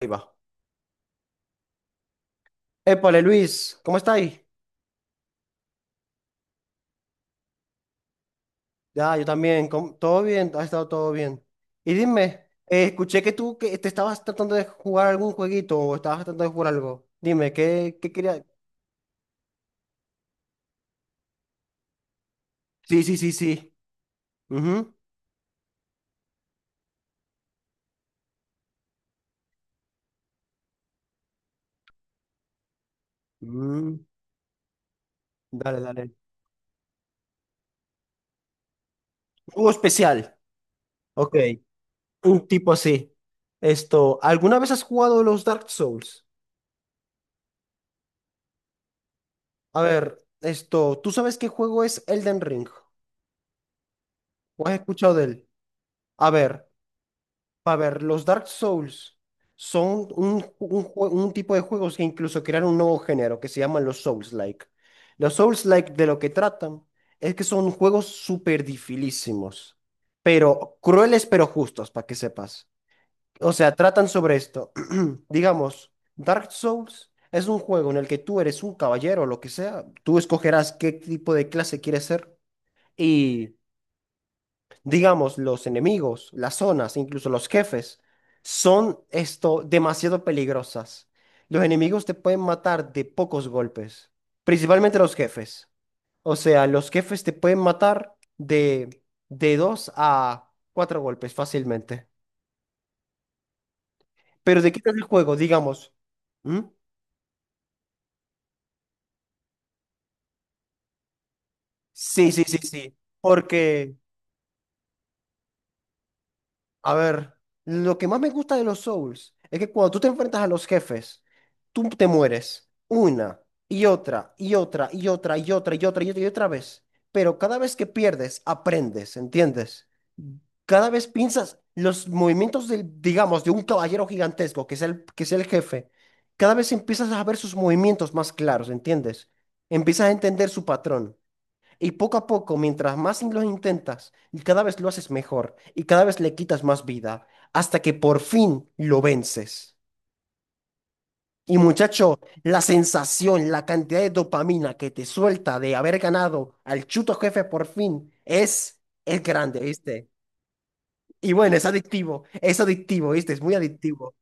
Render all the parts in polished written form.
Ahí va. Épale, Luis, ¿cómo estáis? Ya, yo también, ¿cómo- ¿todo bien? ¿Ha estado todo bien? Y dime, escuché que tú que te estabas tratando de jugar algún jueguito o estabas tratando de jugar algo. Dime, ¿qué querías? Sí, sí, sí, sí. Ujú. Mm, dale, dale. Juego especial. Ok, un tipo así. Esto, ¿alguna vez has jugado los Dark Souls? A ver, esto, ¿tú sabes qué juego es Elden Ring? ¿O has escuchado de él? A ver. A ver, los Dark Souls son un tipo de juegos que incluso crearon un nuevo género que se llaman los Souls-like. Los Souls-like de lo que tratan es que son juegos súper dificilísimos, pero crueles pero justos, para que sepas. O sea, tratan sobre esto. Digamos, Dark Souls es un juego en el que tú eres un caballero o lo que sea, tú escogerás qué tipo de clase quieres ser. Digamos, los enemigos, las zonas, incluso los jefes, son esto demasiado peligrosas. Los enemigos te pueden matar de pocos golpes, principalmente los jefes. O sea, los jefes te pueden matar de dos a cuatro golpes fácilmente. Pero de qué quitas el juego, digamos. ¿Mm? Sí, sí, sí, sí. Porque a ver, lo que más me gusta de los Souls es que cuando tú te enfrentas a los jefes, tú te mueres una y otra y otra y otra y otra y otra y otra y otra vez. Pero cada vez que pierdes, aprendes, ¿entiendes? Cada vez piensas los movimientos del, digamos, de un caballero gigantesco, que es el jefe. Cada vez empiezas a ver sus movimientos más claros, ¿entiendes? Empiezas a entender su patrón. Y poco a poco, mientras más lo intentas, y cada vez lo haces mejor y cada vez le quitas más vida, hasta que por fin lo vences. Y muchacho, la sensación, la cantidad de dopamina que te suelta de haber ganado al chuto jefe por fin es grande, ¿viste? Y bueno, es adictivo, ¿viste? Es muy adictivo.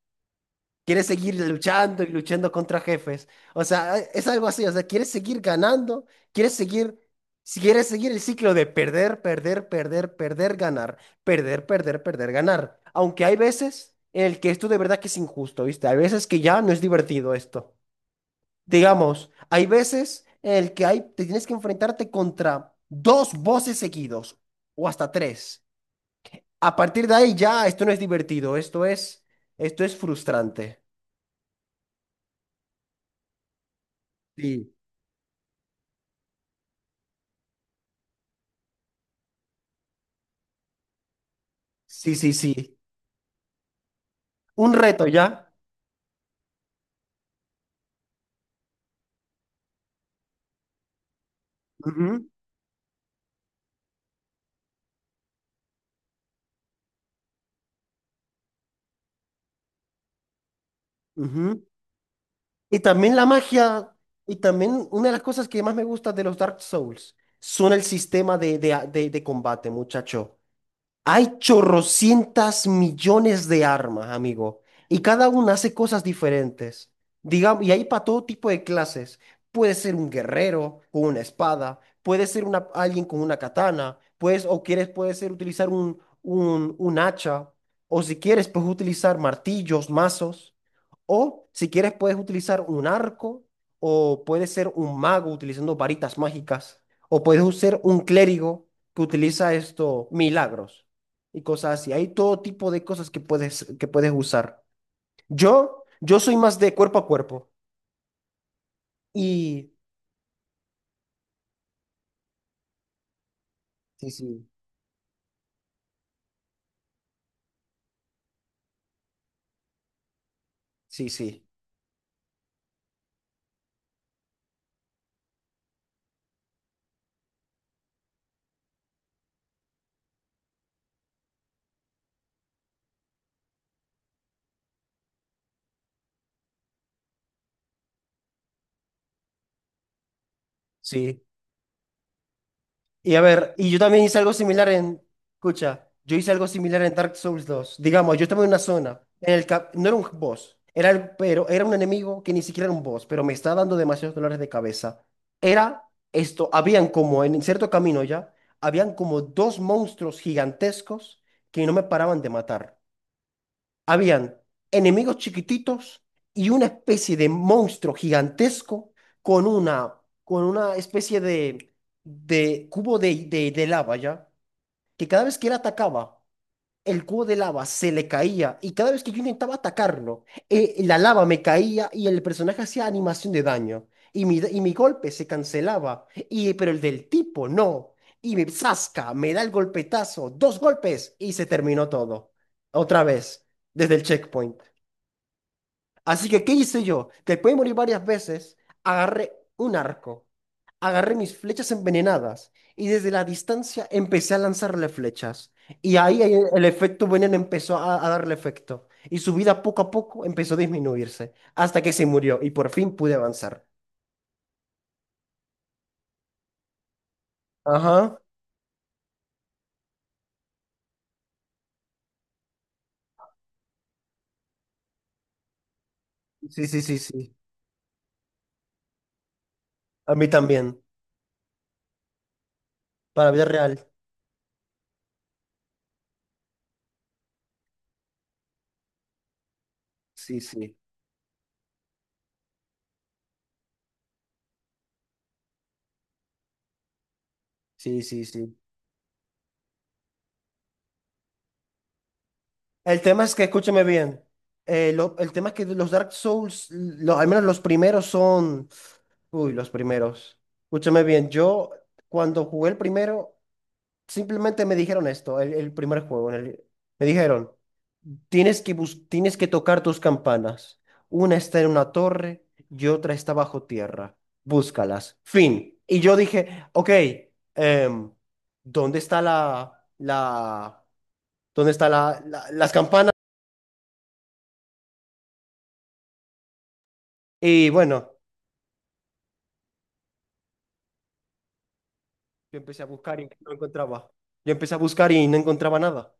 Quieres seguir luchando y luchando contra jefes. O sea, es algo así. O sea, quieres seguir ganando, quieres seguir, si quieres seguir el ciclo de perder, perder, perder, perder, ganar, perder, perder, perder, ganar. Aunque hay veces en el que esto de verdad que es injusto, ¿viste? Hay veces que ya no es divertido esto. Digamos, hay veces en el que hay, te tienes que enfrentarte contra dos voces seguidos o hasta tres. A partir de ahí ya esto no es divertido, esto es frustrante. Sí. Sí, sí, sí. Un reto ya. Ujú, ujú. Y también la magia, y también una de las cosas que más me gusta de los Dark Souls son el sistema de combate, muchacho. Hay chorrocientas millones de armas, amigo, y cada una hace cosas diferentes. Digamos, y hay para todo tipo de clases. Puede ser un guerrero con una espada, puede ser una, alguien con una katana, puedes, o quieres, puede ser utilizar un hacha, o si quieres, puedes utilizar martillos, mazos, o si quieres, puedes utilizar un arco, o puedes ser un mago utilizando varitas mágicas, o puedes ser un clérigo que utiliza esto, milagros y cosas así. Hay todo tipo de cosas que puedes usar. Yo soy más de cuerpo a cuerpo. Y sí, sí, sí, sí, sí. Y yo también hice algo similar en, escucha, yo hice algo similar en Dark Souls dos. Digamos, yo estaba en una zona, en el no era un boss, pero era un enemigo que ni siquiera era un boss, pero me estaba dando demasiados dolores de cabeza. Era esto, habían como en cierto camino ya, habían como dos monstruos gigantescos que no me paraban de matar. Habían enemigos chiquititos y una especie de monstruo gigantesco con una, con una especie de cubo de lava, ¿ya? Que cada vez que él atacaba, el cubo de lava se le caía y cada vez que yo intentaba atacarlo, la lava me caía y el personaje hacía animación de daño y mi golpe se cancelaba, y, pero el del tipo no. Y me zasca, me da el golpetazo, dos golpes y se terminó todo. Otra vez, desde el checkpoint. Así que, ¿qué hice yo? Después de morir varias veces, agarré un arco, agarré mis flechas envenenadas y desde la distancia empecé a lanzarle flechas. Y ahí el efecto veneno empezó a darle efecto. Y su vida poco a poco empezó a disminuirse hasta que se murió y por fin pude avanzar. Ajá. Sí, sí, sí, sí. A mí también. Para vida real. Sí, sí. Sí, sí, sí. El tema es que, escúchame bien, el tema es que los Dark Souls, lo- al menos los primeros son... Uy, los primeros. Escúchame bien, yo cuando jugué el primero, simplemente me dijeron esto, el primer juego. En el- me dijeron, tienes que, tienes que tocar tus campanas. Una está en una torre y otra está bajo tierra. Búscalas. Fin. Y yo dije, ok, em, ¿dónde está dónde está las campanas? Y bueno, yo empecé a buscar y no encontraba. Yo empecé a buscar y no encontraba nada.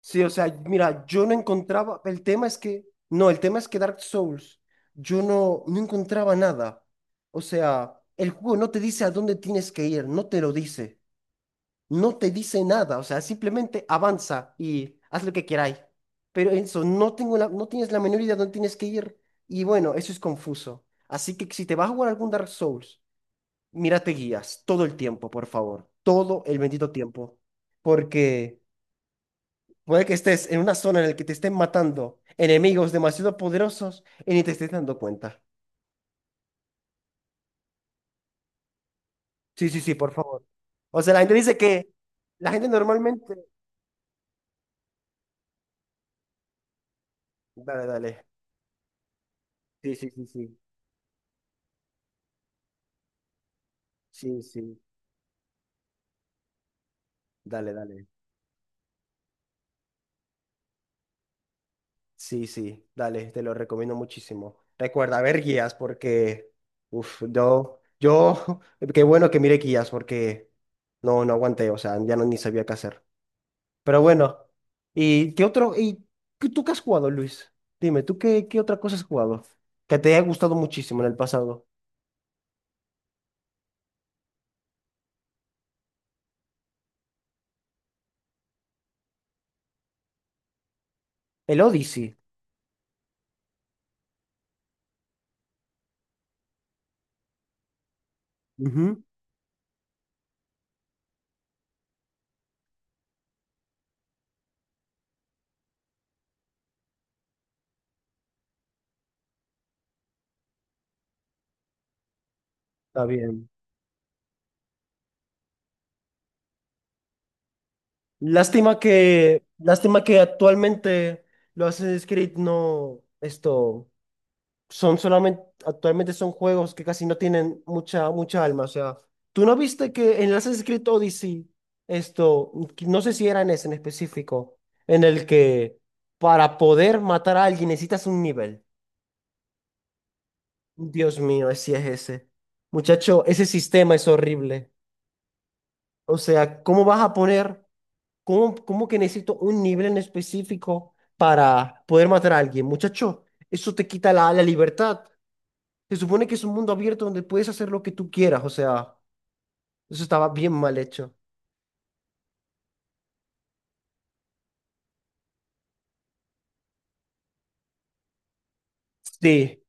Sí, o sea, mira, yo no encontraba, el tema es que, no, el tema es que Dark Souls, yo no encontraba nada. O sea, el juego no te dice a dónde tienes que ir, no te lo dice, no te dice nada, o sea, simplemente avanza y haz lo que queráis. Pero eso, no tienes la menor idea de dónde tienes que ir y bueno, eso es confuso. Así que si te vas a jugar algún Dark Souls, mírate guías todo el tiempo, por favor, todo el bendito tiempo, porque... Puede que estés en una zona en la que te estén matando enemigos demasiado poderosos y ni te estés dando cuenta. Sí, sí, sí, por favor. O sea, la gente dice que la gente normalmente... Dale, dale. Sí, sí, sí, sí. Sí, sí. Dale, dale. Sí, sí, dale. Te lo recomiendo muchísimo. Recuerda, ver guías porque... Uf, yo... Yo... Qué bueno que mire guías porque... No, no aguanté. O sea, ya no ni sabía qué hacer. Pero bueno, ¿y qué otro? ¿Y tú qué has jugado, Luis? Dime, ¿tú qué otra cosa has jugado que te haya gustado muchísimo en el pasado? El Odyssey. Ujú. Está bien. Lástima que actualmente lo haces Creed no, esto. Son solamente, actualmente son juegos que casi no tienen mucha alma. O sea, ¿tú no viste que en el Assassin's Creed Odyssey, esto, que no sé si era en ese en específico, en el que para poder matar a alguien necesitas un nivel? Dios mío, así es ese. Muchacho, ese sistema es horrible. O sea, ¿cómo vas a poner, cómo que necesito un nivel en específico para poder matar a alguien? Muchacho, eso te quita la libertad. Se supone que es un mundo abierto donde puedes hacer lo que tú quieras, o sea, eso estaba bien mal hecho. Sí.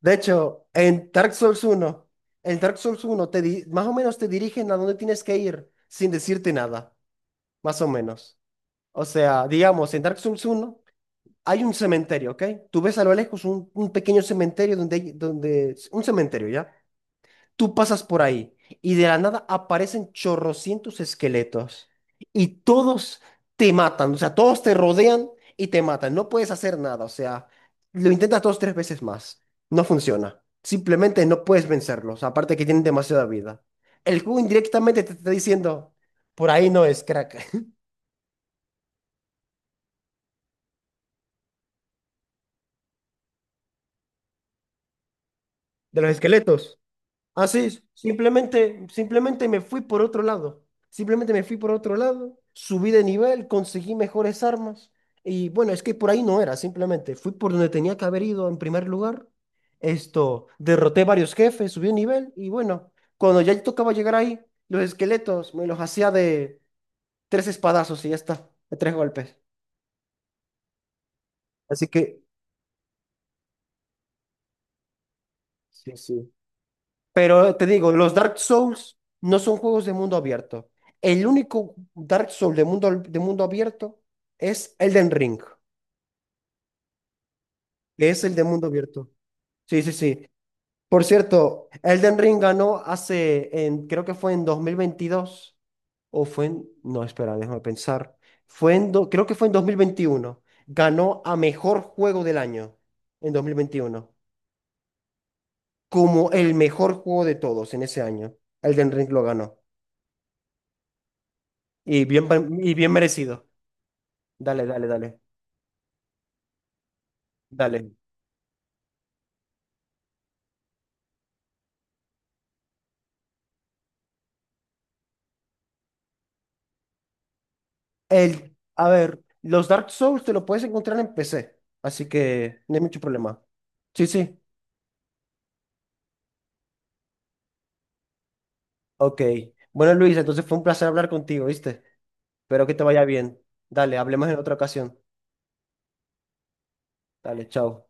De hecho, en Dark Souls uno te más o menos te dirigen a dónde tienes que ir sin decirte nada, más o menos. O sea, digamos, en Dark Souls uno hay un cementerio, ¿ok? Tú ves a lo lejos un pequeño cementerio donde hay un cementerio, ¿ya? Tú pasas por ahí y de la nada aparecen chorrocientos esqueletos y todos te matan, o sea, todos te rodean y te matan. No puedes hacer nada, o sea, lo intentas dos, tres veces más. No funciona. Simplemente no puedes vencerlos, aparte que tienen demasiada vida. El juego indirectamente te está diciendo, por ahí no es, crack, de los esqueletos. Así, simplemente, simplemente me fui por otro lado. Simplemente me fui por otro lado, subí de nivel, conseguí mejores armas. Y bueno, es que por ahí no era, simplemente fui por donde tenía que haber ido en primer lugar. Esto, derroté varios jefes, subí de nivel y bueno, cuando ya tocaba llegar ahí, los esqueletos me los hacía de tres espadazos y ya está, de tres golpes. Así que, sí, sí. Pero te digo, los Dark Souls no son juegos de mundo abierto. El único Dark Souls de mundo abierto es Elden Ring, que es el de mundo abierto. Sí, sí, sí. Por cierto, Elden Ring ganó hace, en, creo que fue en 2022, o fue en, no, espera, déjame pensar. Fue en, creo que fue en 2021. Ganó a mejor juego del año en 2021, como el mejor juego de todos en ese año. Elden Ring lo ganó. Y bien, y bien merecido. Dale, dale, dale, dale. El, a ver, los Dark Souls te lo puedes encontrar en PC, así que no hay mucho problema. Sí, sí. Ok. Bueno, Luis, entonces fue un placer hablar contigo, ¿viste? Espero que te vaya bien. Dale, hablemos en otra ocasión. Dale, chao.